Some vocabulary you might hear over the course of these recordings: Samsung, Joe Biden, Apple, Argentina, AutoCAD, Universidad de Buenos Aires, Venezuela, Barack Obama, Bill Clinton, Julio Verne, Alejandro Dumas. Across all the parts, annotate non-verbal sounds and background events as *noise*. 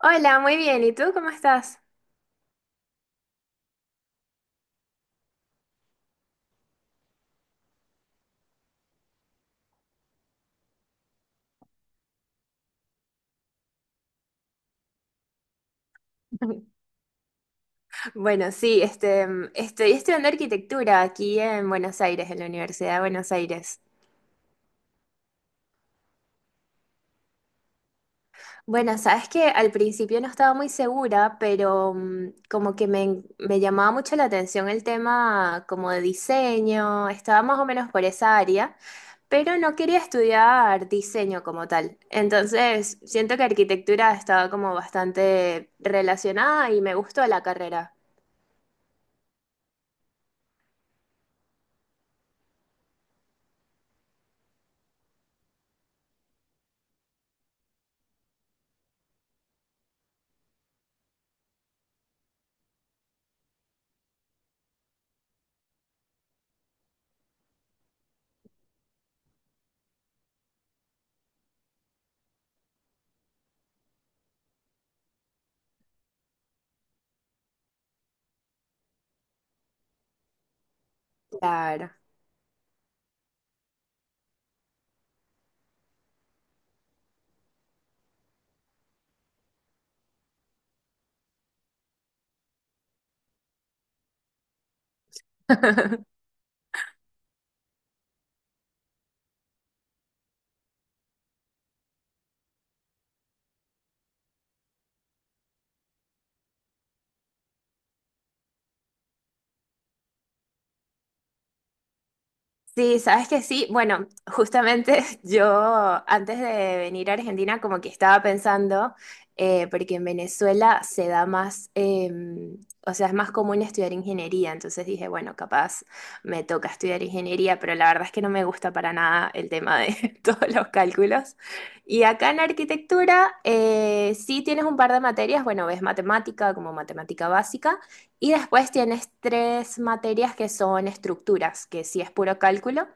Hola, muy bien. ¿Y tú cómo estás? *laughs* Bueno, sí, estoy estudiando arquitectura aquí en Buenos Aires, en la Universidad de Buenos Aires. Bueno, sabes que al principio no estaba muy segura, pero como que me llamaba mucho la atención el tema como de diseño, estaba más o menos por esa área, pero no quería estudiar diseño como tal. Entonces, siento que arquitectura estaba como bastante relacionada y me gustó la carrera. Claro. *laughs* Sí, sabes que sí. Bueno, justamente *laughs* yo antes de venir a Argentina como que estaba pensando, porque en Venezuela se da más, o sea, es más común estudiar ingeniería, entonces dije, bueno, capaz me toca estudiar ingeniería, pero la verdad es que no me gusta para nada el tema de *laughs* todos los cálculos. Y acá en arquitectura sí tienes un par de materias, bueno, ves matemática como matemática básica. Y después tienes tres materias que son estructuras, que sí es puro cálculo,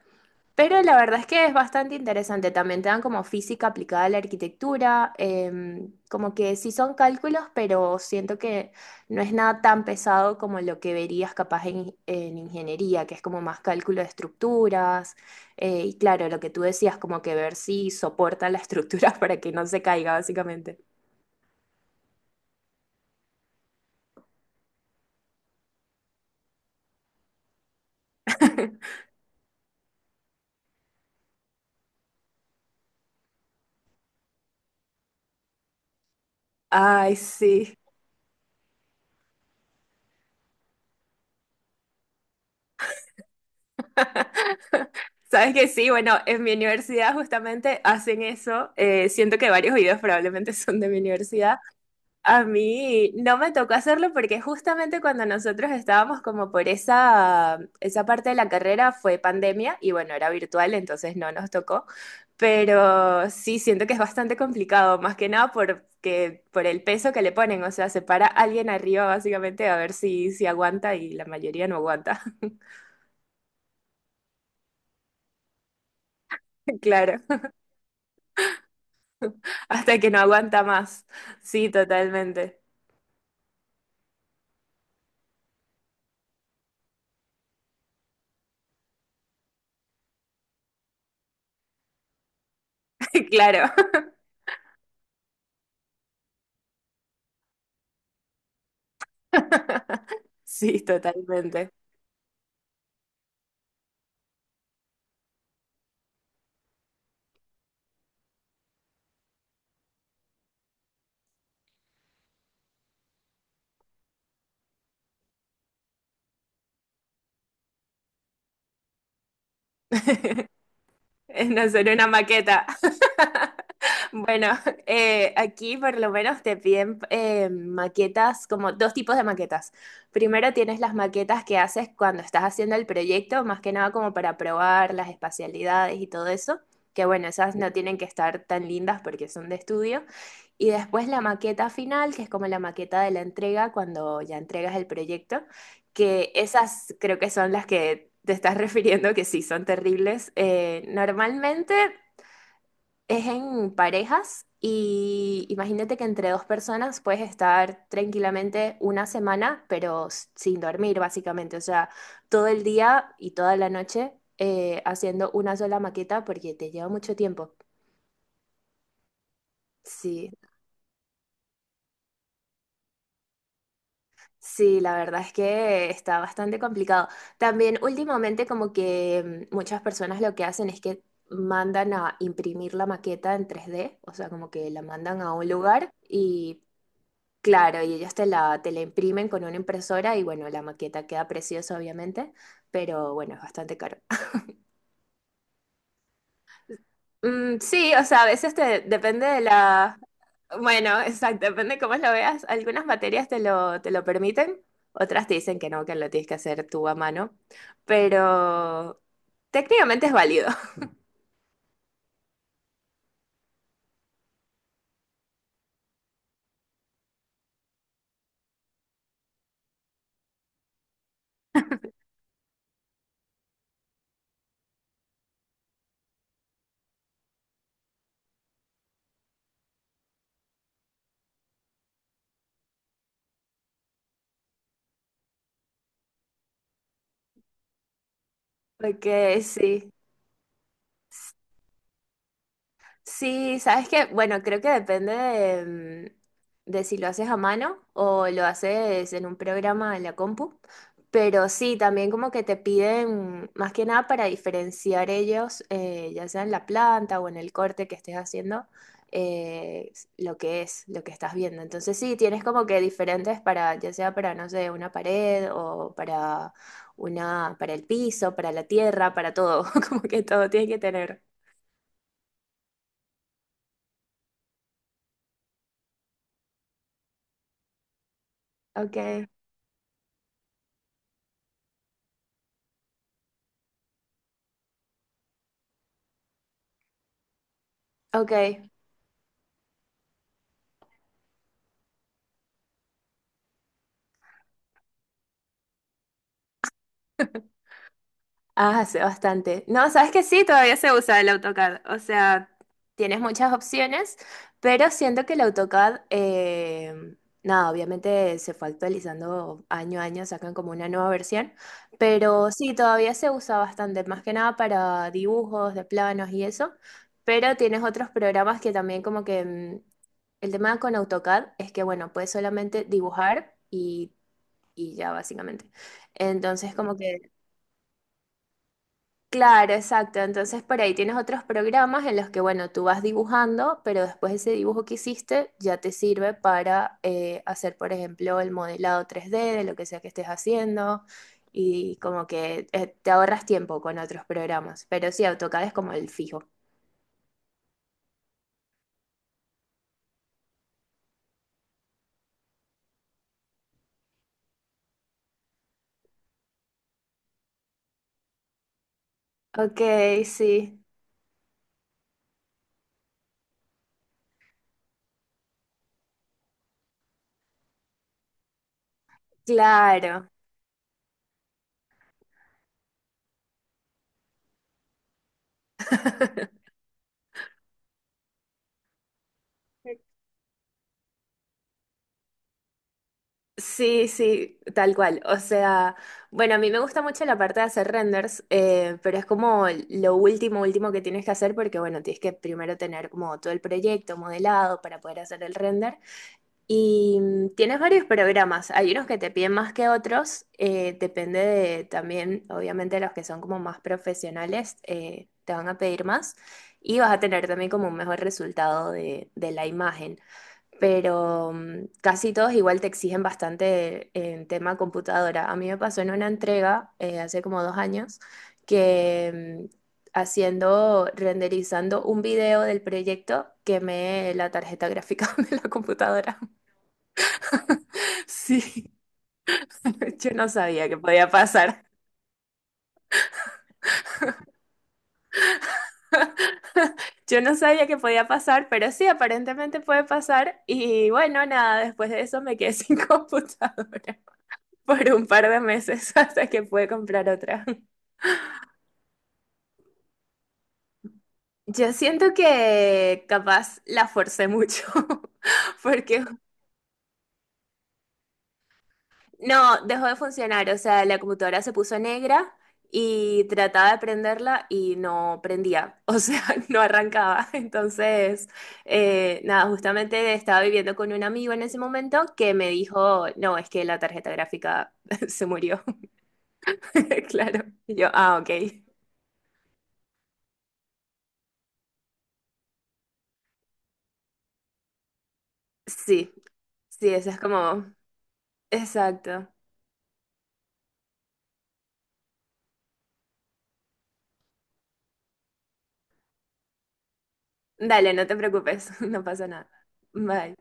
pero la verdad es que es bastante interesante. También te dan como física aplicada a la arquitectura, como que sí son cálculos, pero siento que no es nada tan pesado como lo que verías capaz en ingeniería, que es como más cálculo de estructuras. Y claro, lo que tú decías, como que ver si soporta la estructura *laughs* para que no se caiga, básicamente. Ay, sí. Sabes que sí, bueno, en mi universidad justamente hacen eso. Siento que varios videos probablemente *laughs* son de mi universidad. A mí no me tocó hacerlo porque justamente cuando nosotros estábamos como por esa parte de la carrera fue pandemia y bueno, era virtual, entonces no nos tocó. Pero sí, siento que es bastante complicado, más que nada porque, por el peso que le ponen. O sea, se para alguien arriba básicamente a ver si, si aguanta y la mayoría no aguanta. *laughs* Claro. Hasta que no aguanta más. Sí, totalmente. *laughs* Claro, sí, totalmente. *laughs* Es no ser una maqueta. *laughs* Bueno, *laughs* aquí por lo menos te piden maquetas, como dos tipos de maquetas. Primero tienes las maquetas que haces cuando estás haciendo el proyecto, más que nada como para probar las espacialidades y todo eso, que bueno, esas no tienen que estar tan lindas porque son de estudio. Y después la maqueta final, que es como la maqueta de la entrega, cuando ya entregas el proyecto, que esas creo que son las que te estás *laughs* refiriendo, que sí, son terribles. Normalmente... Es en parejas y imagínate que entre dos personas puedes estar tranquilamente una semana, pero sin dormir básicamente, o sea, todo el día y toda la noche haciendo una sola maqueta porque te lleva mucho tiempo. Sí, sí, la verdad es que está bastante complicado. También últimamente como que muchas personas lo que hacen es que mandan a imprimir la maqueta en 3D, o sea, como que la mandan a un lugar y claro, y ellos te la imprimen con una impresora y bueno, la maqueta queda preciosa obviamente, pero bueno, es bastante caro. *laughs* Mm, sí, o sea, a veces te, depende de la... Bueno, exacto, depende cómo lo veas. Algunas materias te lo permiten, otras te dicen que no, que lo tienes que hacer tú a mano, pero técnicamente es válido, *laughs* porque sí. Sí, sabes que, bueno, creo que depende de, de si lo haces a mano o lo haces en un programa en la compu, pero sí, también como que te piden más que nada para diferenciar ellos, ya sea en la planta o en el corte que estés haciendo, eh, lo que es, lo que estás viendo. Entonces sí, tienes como que diferentes para, ya sea para, no sé, una pared o para una, para el piso, para la tierra, para todo, *laughs* como que todo tiene que tener. Ok. Ok, ah, hace bastante. No, sabes que sí, todavía se usa el AutoCAD. O sea, tienes muchas opciones, pero siento que el AutoCAD, nada, obviamente se fue actualizando año a año, sacan como una nueva versión, pero sí, todavía se usa bastante, más que nada para dibujos de planos y eso, pero tienes otros programas que también como que el tema con AutoCAD es que, bueno, puedes solamente dibujar y ya básicamente. Entonces, como que claro, exacto. Entonces por ahí tienes otros programas en los que, bueno, tú vas dibujando, pero después ese dibujo que hiciste ya te sirve para hacer, por ejemplo, el modelado 3D de lo que sea que estés haciendo y como que te ahorras tiempo con otros programas. Pero sí, AutoCAD es como el fijo. Ok, sí, claro. *laughs* Sí, sí, tal cual. O sea, bueno, a mí me gusta mucho la parte de hacer renders, pero es como lo último, último que tienes que hacer porque, bueno, tienes que primero tener como todo el proyecto modelado para poder hacer el render. Y tienes varios programas. Hay unos que te piden más que otros. Depende de también, obviamente, los que son como más profesionales, te van a pedir más y vas a tener también como un mejor resultado de la imagen, pero casi todos igual te exigen bastante en tema computadora. A mí me pasó en una entrega hace como 2 años que haciendo, renderizando un video del proyecto, quemé la tarjeta gráfica *laughs* de la computadora. Sí, *laughs* yo no sabía que podía pasar. Yo no sabía que podía pasar, pero sí, aparentemente puede pasar. Y bueno, nada, después de eso me quedé sin *laughs* computadora por un par de meses *laughs* hasta que pude comprar otra. Yo siento que capaz la forcé mucho, *laughs* porque no, dejó de funcionar, o sea, la computadora se puso negra y trataba de prenderla y no prendía, o sea, *laughs* no arrancaba. Entonces, nada, justamente estaba viviendo con un amigo en ese momento que me dijo, no, es que la tarjeta gráfica *laughs* se murió, *laughs* claro. Y yo, ah, ok. Sí, sí, eso es como, exacto. Dale, no te preocupes, *laughs* no pasa nada. Bye.